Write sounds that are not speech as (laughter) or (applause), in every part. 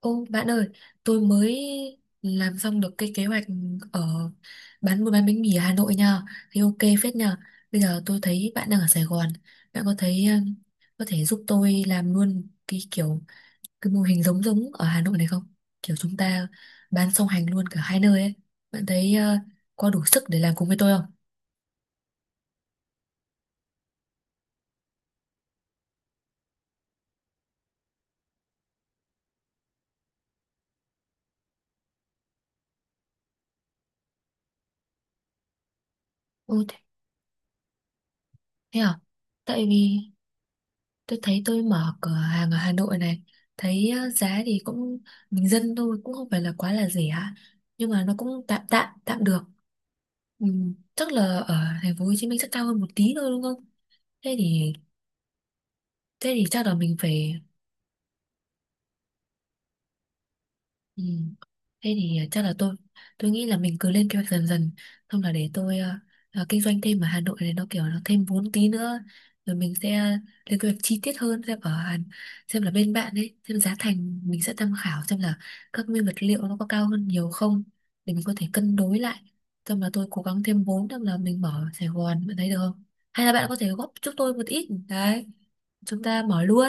Ô bạn ơi, tôi mới làm xong được cái kế hoạch ở bán buôn bán bánh mì ở Hà Nội nha. Thì ok phết nha. Bây giờ tôi thấy bạn đang ở Sài Gòn, bạn có thấy có thể giúp tôi làm luôn cái kiểu cái mô hình giống giống ở Hà Nội này không? Kiểu chúng ta bán song hành luôn cả hai nơi ấy. Bạn thấy có đủ sức để làm cùng với tôi không? Ừ, thế thế à? Tại vì tôi thấy tôi mở cửa hàng ở Hà Nội này, thấy ờ, giá thì cũng bình dân thôi, cũng không phải là quá là rẻ, nhưng mà nó cũng tạm tạm tạm được, ừ, chắc là ở thành phố Hồ Chí Minh sẽ cao hơn một tí thôi đúng không. Thế thì thế thì chắc là mình phải... Ừ. Thế thì chắc là tôi nghĩ là mình cứ lên kế hoạch dần dần, xong là để tôi kinh doanh thêm ở Hà Nội này, nó kiểu nó thêm vốn tí nữa rồi mình sẽ lên kế hoạch chi tiết hơn, xem ở Hàn, xem là bên bạn ấy, xem giá thành mình sẽ tham khảo xem là các nguyên vật liệu nó có cao hơn nhiều không, để mình có thể cân đối lại, xong là tôi cố gắng thêm vốn xong là mình mở ở Sài Gòn, bạn thấy được không, hay là bạn có thể góp giúp tôi một ít đấy, chúng ta mở luôn.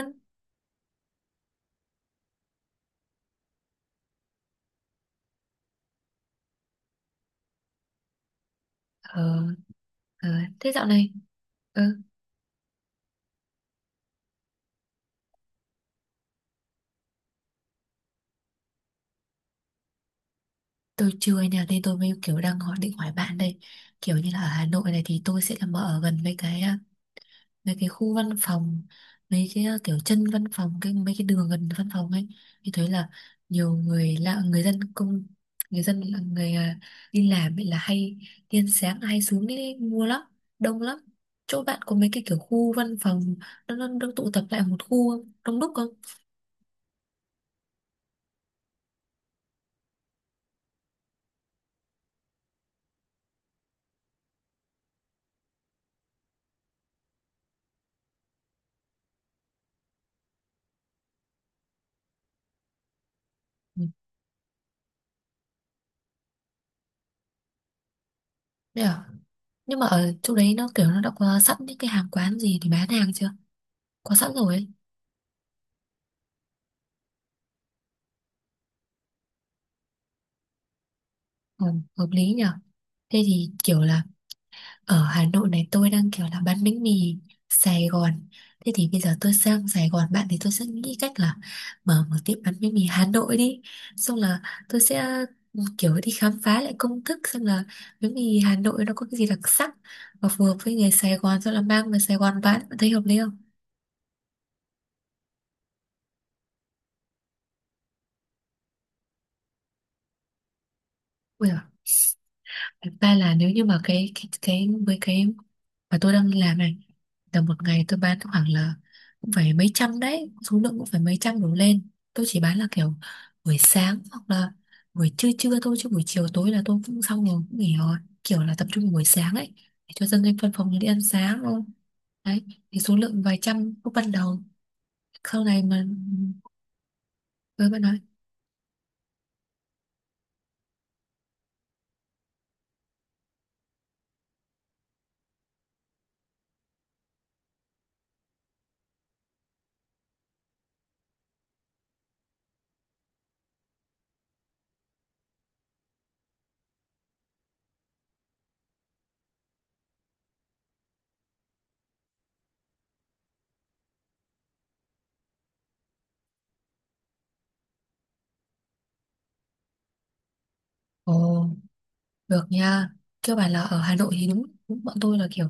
ờ, ờ, Thế dạo này, ừ. Tôi chưa anh ạ, nên tôi mới kiểu đang hỏi, định hỏi bạn đây. Kiểu như là ở Hà Nội này thì tôi sẽ là mở ở gần mấy cái mấy cái khu văn phòng, mấy cái kiểu chân văn phòng, cái mấy cái đường gần văn phòng ấy, thì thấy là nhiều người lạ, người dân công, người dân là người đi làm ấy là hay tiên sáng hay xuống đi mua lắm, đông lắm. Chỗ bạn có mấy cái kiểu khu văn phòng, nó tụ tập lại một khu không? Đông đúc không? Ừ. Đấy à? Nhưng mà ở chỗ đấy nó kiểu nó đã có sẵn những cái hàng quán gì thì bán hàng chưa? Có sẵn rồi ấy. Ừ, hợp lý nhở. Thế thì kiểu là ở Hà Nội này tôi đang kiểu là bán bánh mì Sài Gòn, thế thì bây giờ tôi sang Sài Gòn bạn thì tôi sẽ nghĩ cách là mở một tiệm bán bánh mì Hà Nội đi, xong là tôi sẽ, ừ, kiểu đi khám phá lại công thức xem là bánh mì Hà Nội nó có cái gì đặc sắc và phù hợp với người Sài Gòn rồi là mang về Sài Gòn bán, bạn thấy hợp lý không? Ui giời, thật ra là nếu như mà cái với cái và tôi đang đi làm này, tầm một ngày tôi bán khoảng là cũng phải mấy trăm đấy, số lượng cũng phải mấy trăm đổ lên. Tôi chỉ bán là kiểu buổi sáng hoặc là buổi trưa trưa thôi, chứ buổi chiều tối là tôi cũng xong rồi, cũng nghỉ rồi, kiểu là tập trung vào buổi sáng ấy để cho dân lên văn phòng đi ăn sáng thôi. Đấy, thì số lượng vài trăm lúc ban đầu, sau này mà với bạn nói... Ồ, được nha. Cơ bản là ở Hà Nội thì đúng, đúng bọn tôi là kiểu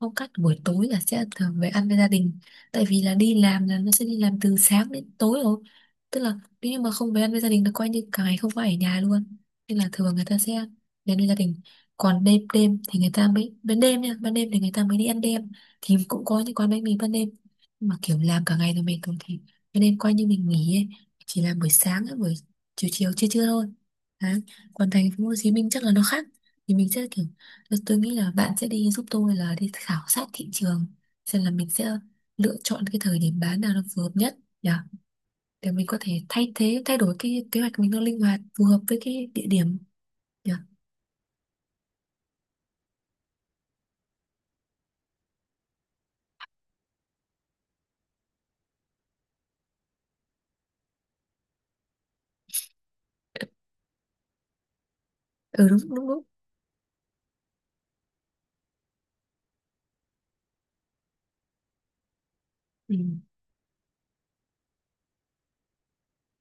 phong cách buổi tối là sẽ thường về ăn với gia đình. Tại vì là đi làm là nó sẽ đi làm từ sáng đến tối rồi. Tức là nếu như mà không về ăn với gia đình là coi như cả ngày không phải ở nhà luôn. Nên là thường người ta sẽ về ăn với gia đình. Còn đêm đêm thì người ta mới, ban đêm nha, ban đêm thì người ta mới đi ăn đêm. Thì cũng có những quán bánh mì ban đêm. Nhưng mà kiểu làm cả ngày rồi mệt rồi thì ban đêm coi như mình nghỉ ấy. Chỉ làm buổi sáng, buổi chiều chiều chưa chưa thôi, còn thành phố Hồ Chí Minh chắc là nó khác, thì mình sẽ kiểu, tôi nghĩ là bạn sẽ đi giúp tôi là đi khảo sát thị trường, xem là mình sẽ lựa chọn cái thời điểm bán nào nó phù hợp nhất nhỉ, để mình có thể thay đổi cái kế hoạch mình, nó linh hoạt phù hợp với cái địa điểm nhỉ. Ừ, đúng đúng đúng. Ừ.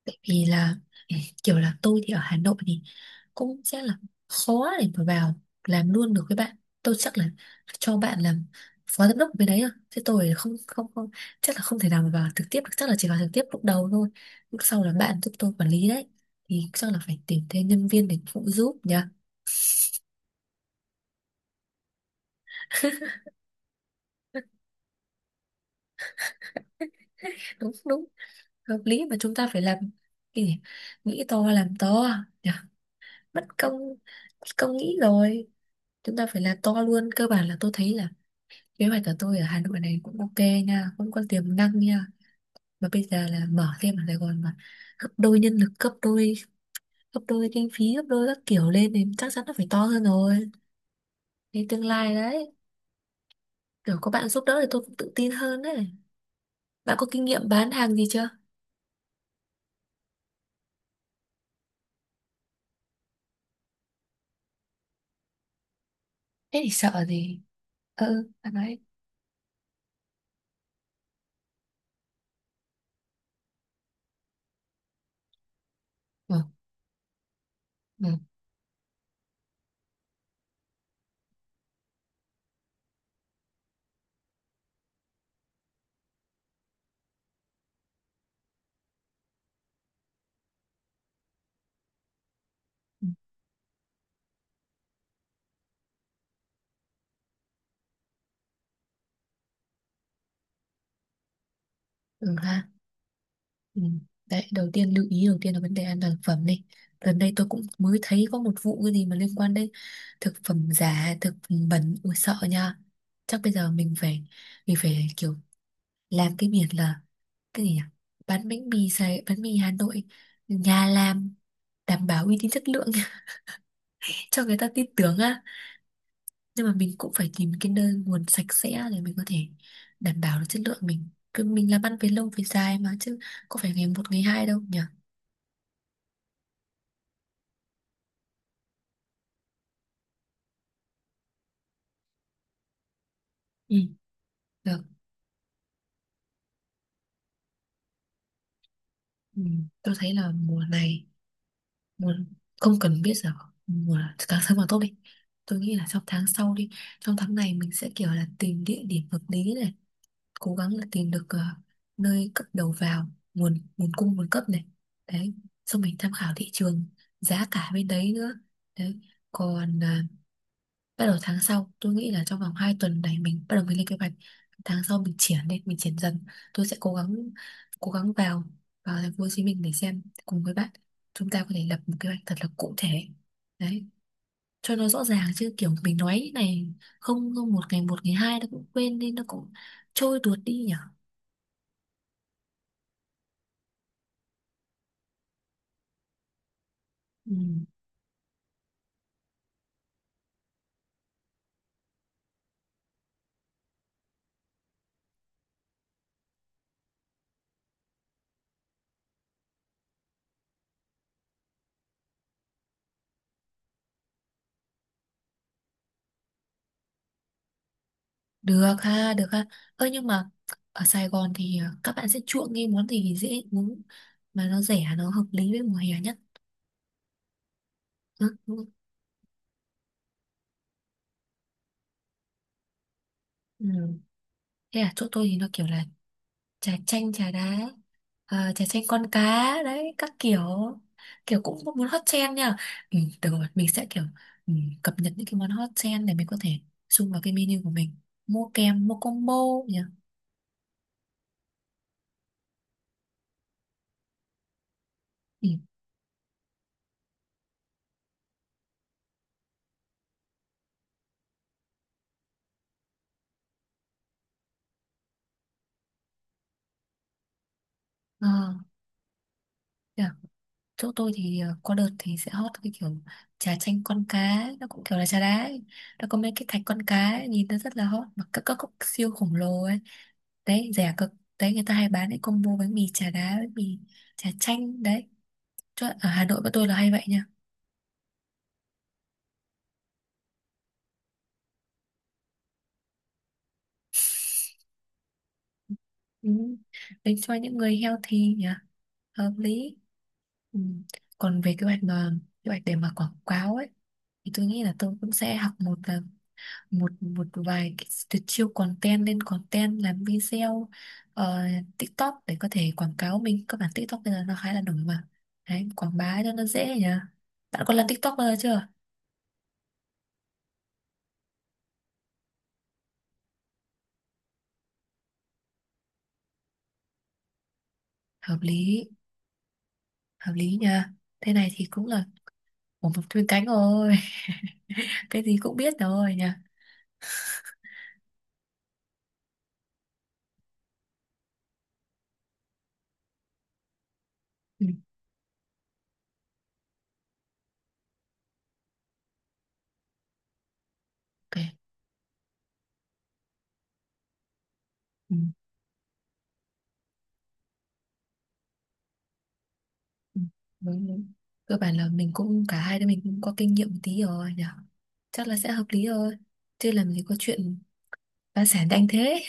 Tại vì là, ừ, kiểu là tôi thì ở Hà Nội thì cũng sẽ là khó để mà vào làm luôn được với bạn. Tôi chắc là cho bạn làm phó giám đốc bên đấy rồi. Thế tôi không không không chắc là không thể nào mà vào trực tiếp được. Chắc là chỉ vào trực tiếp lúc đầu thôi. Lúc sau là bạn giúp tôi quản lý đấy. Thì chắc là phải tìm thêm nhân viên để phụ giúp nhỉ. Đúng đúng, hợp lý, mà chúng ta phải làm cái gì? Nghĩ to làm to nhỉ. Mất công mất công nghĩ rồi. Chúng ta phải làm to luôn. Cơ bản là tôi thấy là kế hoạch của tôi ở Hà Nội này cũng ok nha, cũng có tiềm năng nha. Mà bây giờ là mở thêm ở Sài Gòn mà gấp đôi nhân lực, gấp đôi kinh phí, gấp đôi các kiểu lên thì chắc chắn nó phải to hơn rồi. Thì tương lai đấy, kiểu có bạn giúp đỡ thì tôi cũng tự tin hơn đấy. Bạn có kinh nghiệm bán hàng gì chưa? Thế thì sợ gì? Ừ, bạn nói. Ừ, ừ, ừ, ừ ha. Ừ. Đấy, đầu tiên lưu ý đầu tiên là vấn đề an toàn thực phẩm đi. Gần đây tôi cũng mới thấy có một vụ cái gì mà liên quan đến thực phẩm giả, thực phẩm bẩn, ui sợ nha. Chắc bây giờ mình phải kiểu làm cái biển là cái gì nhỉ? Bán bánh mì Sài, bánh mì Hà Nội nhà làm đảm bảo uy tín chất lượng (laughs) cho người ta tin tưởng á. Nhưng mà mình cũng phải tìm cái nơi nguồn sạch sẽ để mình có thể đảm bảo được chất lượng mình. Cứ mình làm ăn về lâu về dài mà chứ có phải ngày một ngày hai đâu nhỉ? Ừ. Được. Ừ, tôi thấy là mùa này, mùa, không cần biết giờ mùa, càng sớm càng tốt đi, tôi nghĩ là trong tháng sau đi, trong tháng này mình sẽ kiểu là tìm địa điểm hợp lý này, cố gắng là tìm được ờ, nơi cất đầu vào, nguồn nguồn cung nguồn cấp này, đấy, xong mình tham khảo thị trường giá cả bên đấy nữa. Đấy, còn bắt đầu tháng sau tôi nghĩ là trong vòng 2 tuần này mình bắt đầu mình lên kế hoạch, tháng sau mình triển lên mình triển dần, tôi sẽ cố gắng vào, vào thành phố Hồ Chí Minh để xem cùng với bạn, chúng ta có thể lập một kế hoạch thật là cụ thể, đấy, cho nó rõ ràng chứ kiểu mình nói như này không không, một ngày một ngày hai nó cũng quên đi, nó cũng trôi tuột đi nhỉ. Ừ. Được ha, được ha. Ơ nhưng mà ở Sài Gòn thì ờ, các bạn sẽ chuộng cái món gì dễ uống mà nó rẻ, nó hợp lý với mùa hè nhất. Ừ. Ừ. Thế à, chỗ tôi thì nó kiểu là trà chanh, trà đá, à, trà chanh con cá, đấy, các kiểu, kiểu cũng có muốn hot trend nha. Ừ, được rồi, mình sẽ kiểu, ừ, cập nhật những cái món hot trend để mình có thể xung vào cái menu của mình. Mua kèm, mua combo nhỉ. Ừ, ờ, thế à, chỗ tôi thì ờ, có đợt thì sẽ hot cái kiểu trà chanh con cá, nó cũng kiểu là trà đá ấy. Nó có mấy cái thạch con cá ấy, nhìn nó rất là hot, mà các cốc siêu khổng lồ ấy. Đấy rẻ cực, đấy người ta hay bán cái combo bánh mì chả đá, bánh mì chả chanh đấy, cho ở Hà Nội bọn tôi là hay vậy nha. Ừ. Đấy cho những người healthy nhỉ, hợp lý. Ừ. Còn về kế hoạch mà kế hoạch để mà quảng cáo ấy, thì tôi nghĩ là tôi cũng sẽ học một là một một vài cái tuyệt chiêu content, lên content làm video ờ, TikTok để có thể quảng cáo mình, các bạn TikTok bây giờ nó khá là nổi mà. Đấy quảng bá cho nó dễ nhỉ. Bạn có làm TikTok bao giờ chưa? Hợp lý, hợp lý nha. Thế này thì cũng là một mục chuyên cánh rồi (laughs) cái gì cũng biết rồi nha. Ừ, ok. Ừ, ừ, đúng, đúng. Cơ bản là mình cũng cả hai đứa mình cũng có kinh nghiệm một tí rồi nhỉ, chắc là sẽ hợp lý thôi, chứ làm gì có chuyện phá sản nhanh thế.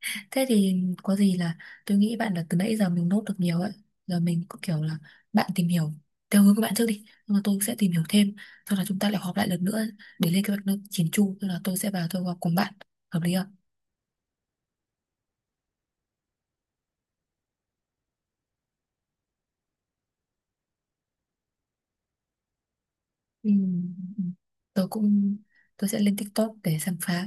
(laughs) Thế thì có gì là tôi nghĩ bạn là từ nãy giờ mình nốt được nhiều ấy, giờ mình cứ kiểu là bạn tìm hiểu theo hướng của bạn trước đi, nhưng mà tôi sẽ tìm hiểu thêm, sau đó chúng ta lại họp lại lần nữa để lên kế hoạch nó chỉn chu, tức là tôi sẽ vào tôi họp cùng bạn, hợp lý không? Ừ. Ừ. Tôi cũng, tôi sẽ lên TikTok để khám phá.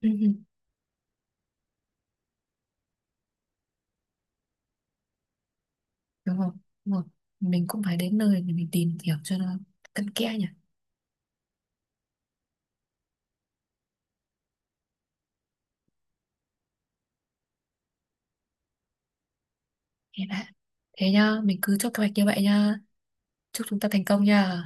Ừ. Ừ, đúng không, đúng không, mình cũng phải đến nơi để mình tìm hiểu cho nó cặn kẽ nhỉ. Thế đã, thế nhá mình cứ chốt kế hoạch như vậy nhá, chúc chúng ta thành công nhá.